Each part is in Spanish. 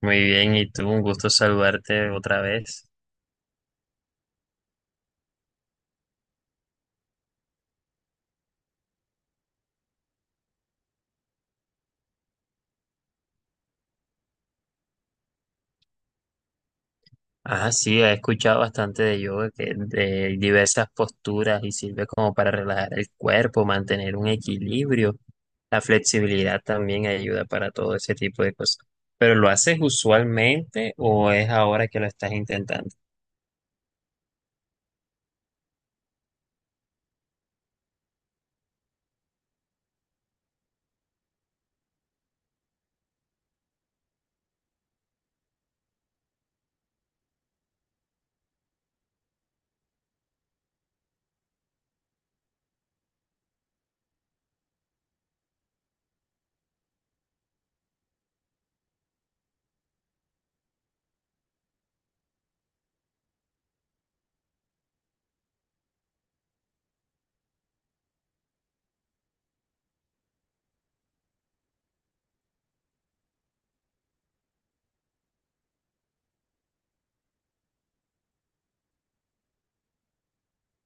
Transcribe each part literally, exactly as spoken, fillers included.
Muy bien, y tú, un gusto saludarte otra vez. Ah, sí, he escuchado bastante de yoga, que de diversas posturas y sirve como para relajar el cuerpo, mantener un equilibrio. La flexibilidad también ayuda para todo ese tipo de cosas. ¿Pero lo haces usualmente o es ahora que lo estás intentando?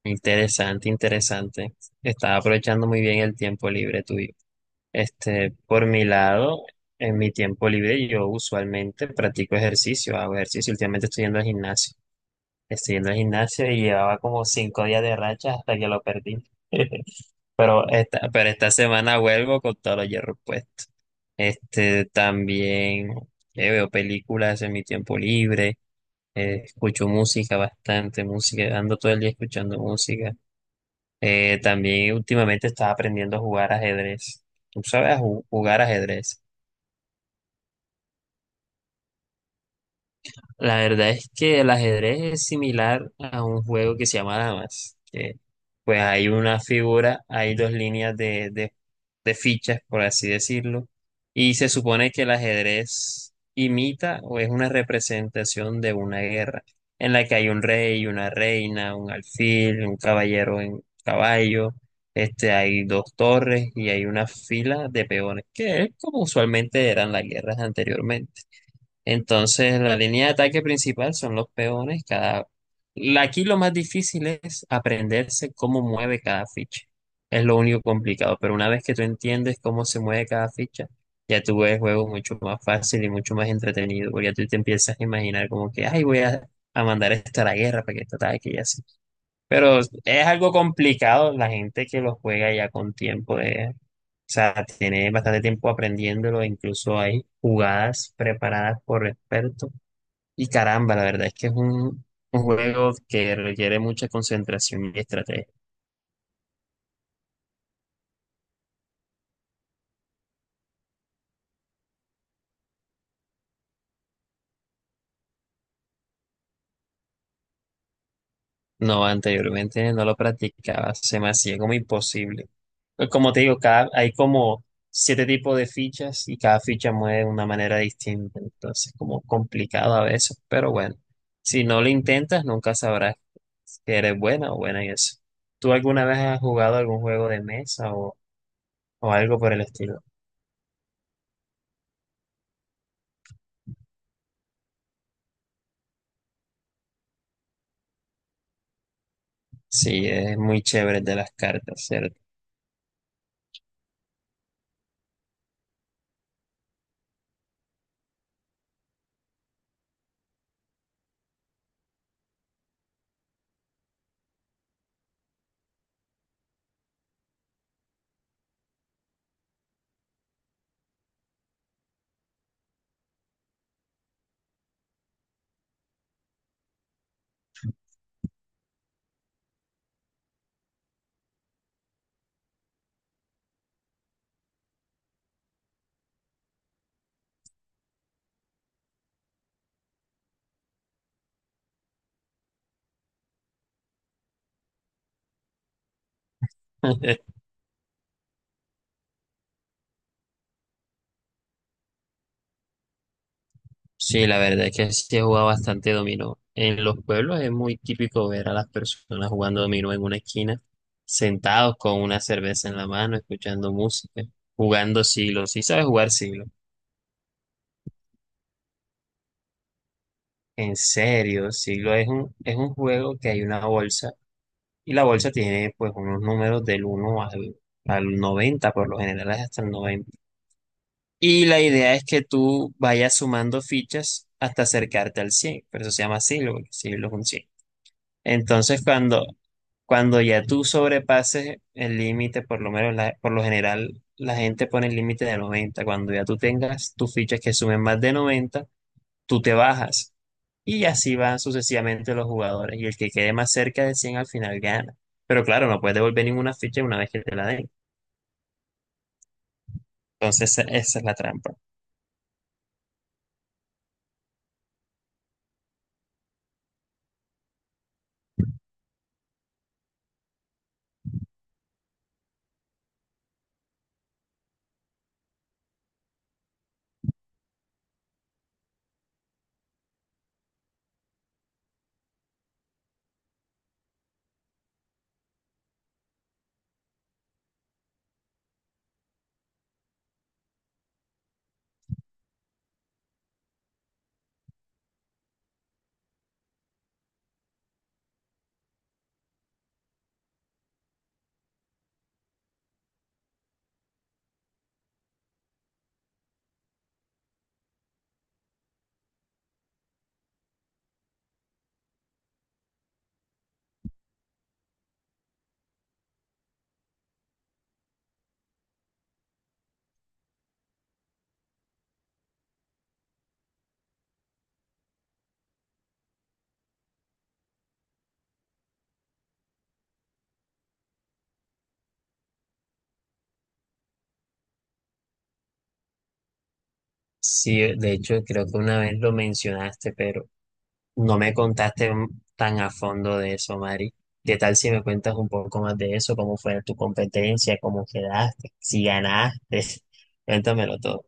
Interesante, interesante. Estás aprovechando muy bien el tiempo libre tuyo. Este, por mi lado, en mi tiempo libre yo usualmente practico ejercicio, hago ejercicio, últimamente estoy yendo al gimnasio. Estoy yendo al gimnasio y llevaba como cinco días de racha hasta que lo perdí. Pero esta, pero esta semana vuelvo con todos los hierros puestos. Este, también eh, veo películas en mi tiempo libre, eh, escucho música bastante, música, ando todo el día escuchando música. Eh, también últimamente estaba aprendiendo a jugar ajedrez. ¿Tú sabes a ju- jugar ajedrez? La verdad es que el ajedrez es similar a un juego que se llama damas, que pues hay una figura, hay dos líneas de, de, de fichas, por así decirlo, y se supone que el ajedrez imita o es una representación de una guerra, en la que hay un rey, una reina, un alfil, un caballero en caballo, este, hay dos torres y hay una fila de peones, que es como usualmente eran las guerras anteriormente. Entonces, la línea de ataque principal son los peones. Cada... la- Aquí lo más difícil es aprenderse cómo mueve cada ficha. Es lo único complicado, pero una vez que tú entiendes cómo se mueve cada ficha, ya tú ves el juego mucho más fácil y mucho más entretenido, porque ya tú te empiezas a imaginar como que, ay, voy a, a mandar esto a la guerra para que esto ataque y así. Pero es algo complicado la gente que lo juega ya con tiempo de, o sea, tiene bastante tiempo aprendiéndolo, incluso hay jugadas preparadas por expertos. Y caramba, la verdad es que es un, un juego que requiere mucha concentración y estrategia. No, anteriormente no lo practicaba, se me hacía como imposible. Pues como te digo, cada, hay como siete tipos de fichas y cada ficha mueve de una manera distinta, entonces como complicado a veces, pero bueno, si no lo intentas nunca sabrás que eres buena o buena en eso. ¿Tú alguna vez has jugado algún juego de mesa o, o algo por el estilo? Sí, es muy chévere el de las cartas, ¿cierto? Sí, la verdad es que sí he jugado bastante dominó. En los pueblos es muy típico ver a las personas jugando dominó en una esquina, sentados con una cerveza en la mano, escuchando música, jugando siglo. Sí sabes jugar siglo. En serio, siglo es un, es un juego que hay una bolsa y la bolsa tiene pues unos números del uno al, al noventa, por lo general es hasta el noventa. Y la idea es que tú vayas sumando fichas hasta acercarte al cien. Por eso se llama siglo, porque siglo es un cien. Entonces, cuando Cuando ya tú sobrepases el límite, por lo menos la- por lo general, la gente pone el límite de noventa. Cuando ya tú tengas tus fichas que sumen más de noventa, tú te bajas. Y así van sucesivamente los jugadores. Y el que quede más cerca de cien al final gana. Pero claro, no puedes devolver ninguna ficha una vez que te la den. Entonces, esa esa es la trampa. Sí, de hecho, creo que una vez lo mencionaste, pero no me contaste tan a fondo de eso, Mari. ¿Qué tal si me cuentas un poco más de eso? ¿Cómo fue tu competencia? ¿Cómo quedaste? ¿Si ganaste? Cuéntamelo todo.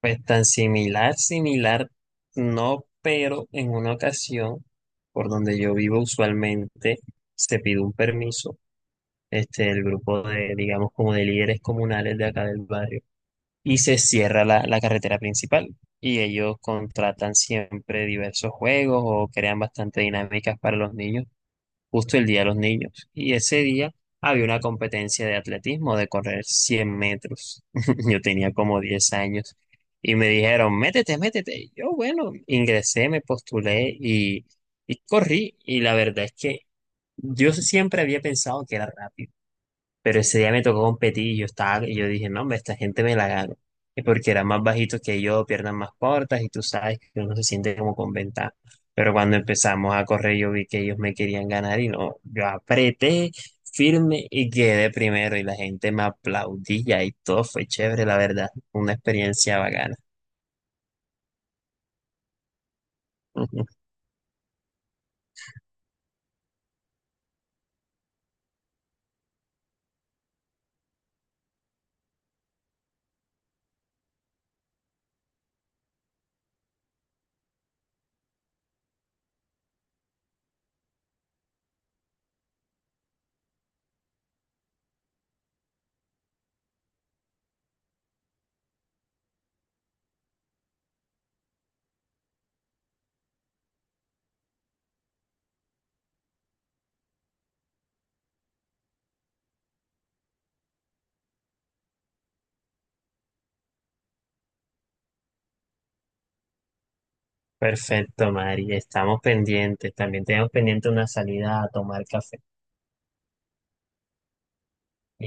Pues tan similar, similar, no, pero en una ocasión, por donde yo vivo usualmente, se pidió un permiso, este, el grupo de, digamos, como de líderes comunales de acá del barrio, y se cierra la, la carretera principal. Y ellos contratan siempre diversos juegos o crean bastante dinámicas para los niños, justo el día de los niños. Y ese día había una competencia de atletismo de correr cien metros. Yo tenía como diez años y me dijeron, métete, métete. Y Yo, bueno, ingresé, me postulé y, y corrí. Y la verdad es que yo siempre había pensado que era rápido, pero ese día me tocó competir y yo estaba, y yo dije, no, hombre, esta gente me la gano. Y porque eran más bajitos que yo, piernas más cortas, y tú sabes que uno se siente como con ventaja. Pero cuando empezamos a correr, yo vi que ellos me querían ganar y no, yo apreté firme y quedé primero. Y la gente me aplaudía y todo fue chévere, la verdad. Una experiencia bacana. Perfecto, Mari. Estamos pendientes. También tenemos pendiente una salida a tomar café.